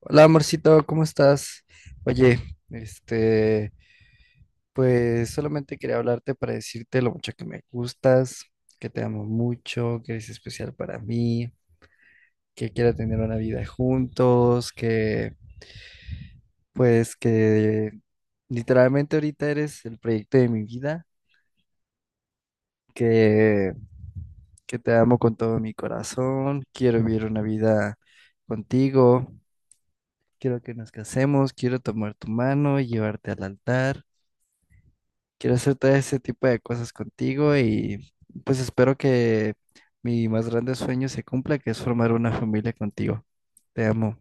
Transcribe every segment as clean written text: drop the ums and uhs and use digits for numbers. Hola, amorcito, ¿cómo estás? Oye, este, pues solamente quería hablarte para decirte lo mucho que me gustas, que te amo mucho, que eres especial para mí, que quiero tener una vida juntos, que literalmente ahorita eres el proyecto de mi vida, que que te amo con todo mi corazón, quiero vivir una vida contigo, quiero que nos casemos, quiero tomar tu mano y llevarte al altar. Quiero hacer todo ese tipo de cosas contigo y pues espero que mi más grande sueño se cumpla, que es formar una familia contigo. Te amo.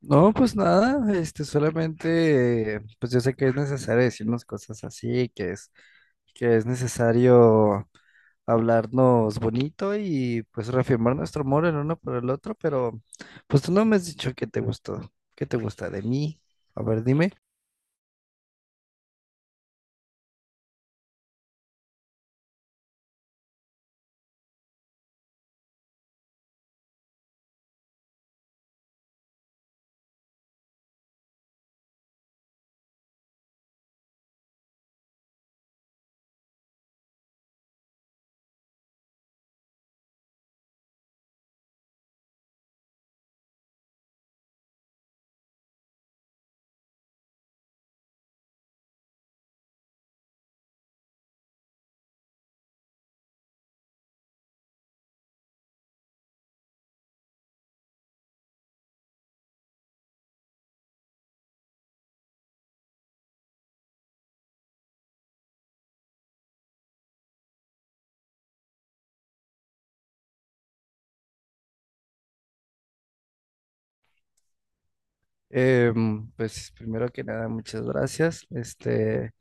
No, pues nada, este, solamente, pues yo sé que es necesario decirnos cosas así, que es necesario hablarnos bonito y pues reafirmar nuestro amor el uno por el otro, pero pues tú no me has dicho qué te gustó, qué te gusta de mí. A ver, dime. Pues primero que nada, muchas gracias. Este,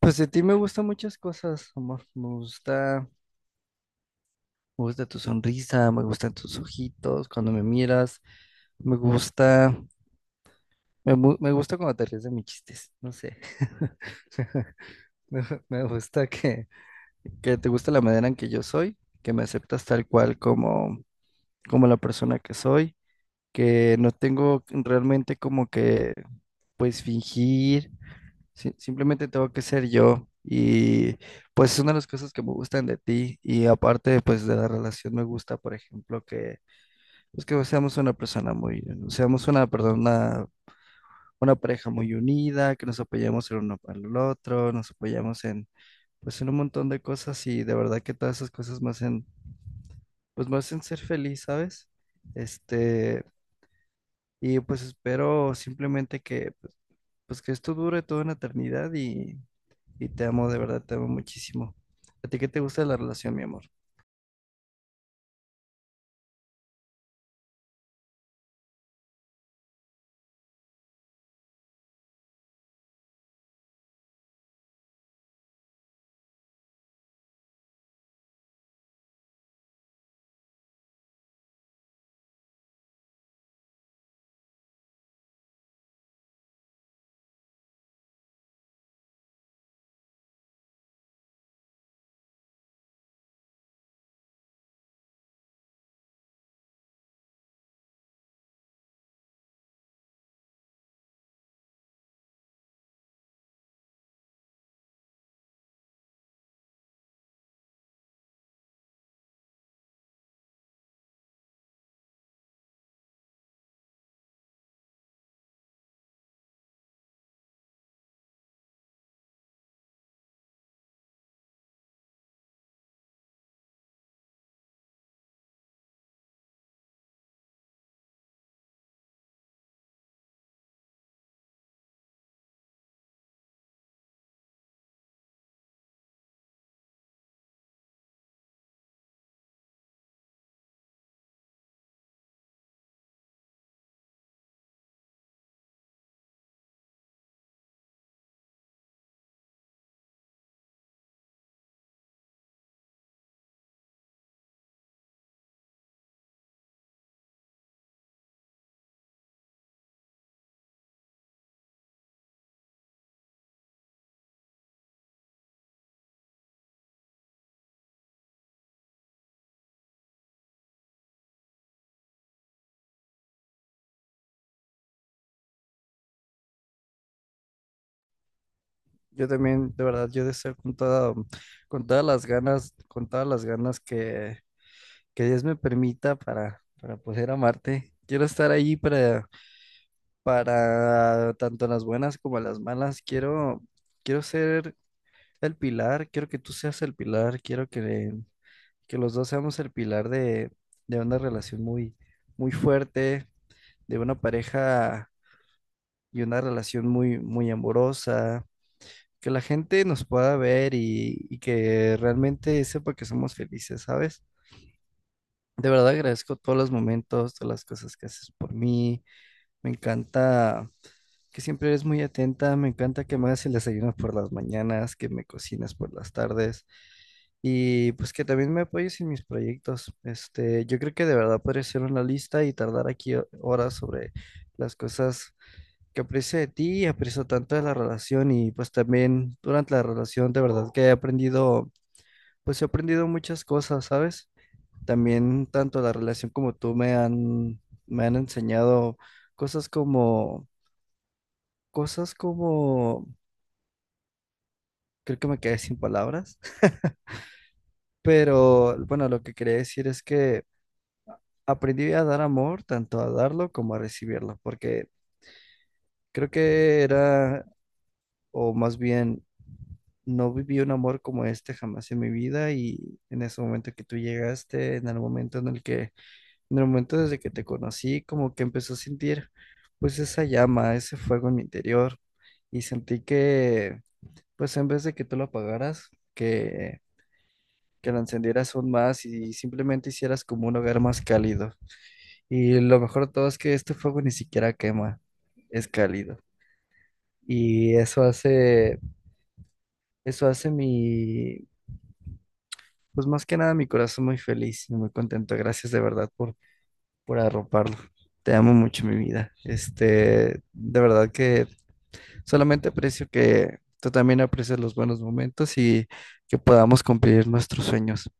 pues de ti me gustan muchas cosas, amor. Me gusta tu sonrisa, me gustan tus ojitos cuando me miras, me gusta, me gusta cuando te ríes de mis chistes, no sé. Me, me gusta que te gusta la manera en que yo soy, que me aceptas tal cual como, como la persona que soy, que no tengo realmente como que, pues fingir. Sí, simplemente tengo que ser yo y pues es una de las cosas que me gustan de ti, y aparte pues de la relación me gusta, por ejemplo, que pues que seamos una persona muy, seamos una persona, una pareja muy unida, que nos apoyemos el uno para el otro, nos apoyamos en pues en un montón de cosas y de verdad que todas esas cosas me hacen ser feliz, ¿sabes? Este, y pues espero simplemente que pues que esto dure toda una eternidad y te amo, de verdad, te amo muchísimo. ¿A ti qué te gusta de la relación, mi amor? Yo también, de verdad, yo deseo con toda, con todas las ganas, que Dios me permita para poder amarte. Quiero estar ahí para tanto las buenas como las malas. Quiero ser el pilar, quiero que tú seas el pilar, que los dos seamos el pilar de una relación muy, muy fuerte, de una pareja y una relación muy, muy amorosa, que la gente nos pueda ver y que realmente sepa que somos felices, ¿sabes? De verdad agradezco todos los momentos, todas las cosas que haces por mí. Me encanta que siempre eres muy atenta, me encanta que me hagas el desayuno por las mañanas, que me cocinas por las tardes y pues que también me apoyes en mis proyectos. Este, yo creo que de verdad podría ser una lista y tardar aquí horas sobre las cosas que aprecio de ti, aprecio tanto de la relación y pues también durante la relación de verdad que he aprendido, pues he aprendido muchas cosas, ¿sabes? También tanto la relación como tú me han enseñado cosas como, cosas como, creo que me quedé sin palabras, pero bueno, lo que quería decir es que aprendí a dar amor, tanto a darlo como a recibirlo, porque creo que era, o más bien no viví un amor como este jamás en mi vida, y en ese momento que tú llegaste, en el momento desde que te conocí, como que empezó a sentir pues esa llama, ese fuego en mi interior y sentí que pues en vez de que tú lo apagaras, que, que lo encendieras aún más y simplemente hicieras como un hogar más cálido. Y lo mejor de todo es que este fuego ni siquiera quema, es cálido. Y eso hace, eso hace pues más que nada, mi corazón muy feliz y muy contento. Gracias de verdad por arroparlo. Te amo mucho, mi vida. Este, de verdad que solamente aprecio que tú también aprecies los buenos momentos y que podamos cumplir nuestros sueños.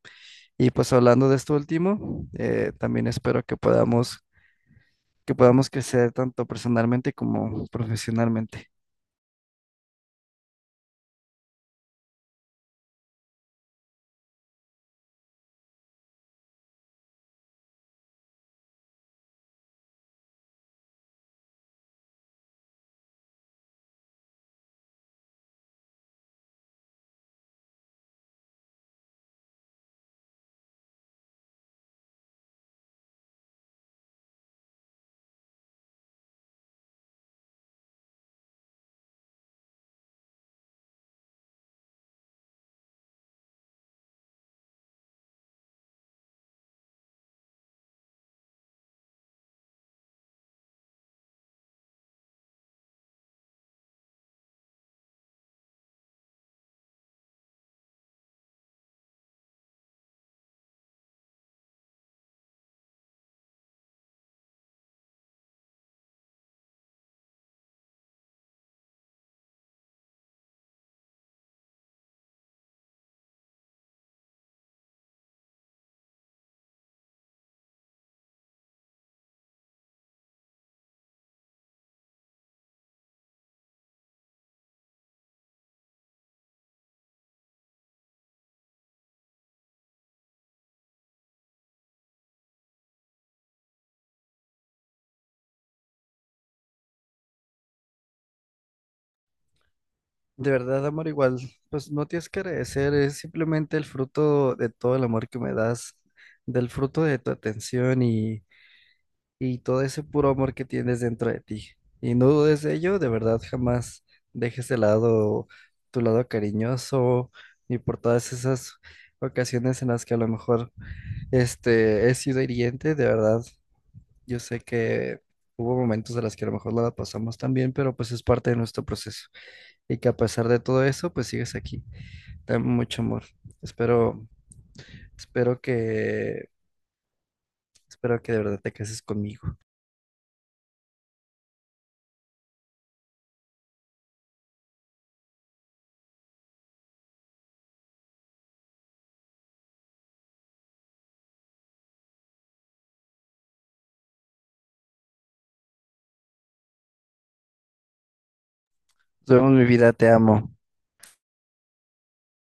Y pues hablando de esto último, también espero que podamos crecer tanto personalmente como profesionalmente. De verdad, amor, igual, pues no tienes que agradecer, es simplemente el fruto de todo el amor que me das, del fruto de tu atención y todo ese puro amor que tienes dentro de ti. Y no dudes de ello, de verdad, jamás dejes de lado tu lado cariñoso ni por todas esas ocasiones en las que a lo mejor he sido hiriente, de verdad, yo sé que hubo momentos de las que a lo mejor no la pasamos tan bien, pero pues es parte de nuestro proceso y que a pesar de todo eso, pues sigues aquí. Dame mucho amor. Espero, espero que, espero que de verdad te cases conmigo. Duermo mi vida, te amo.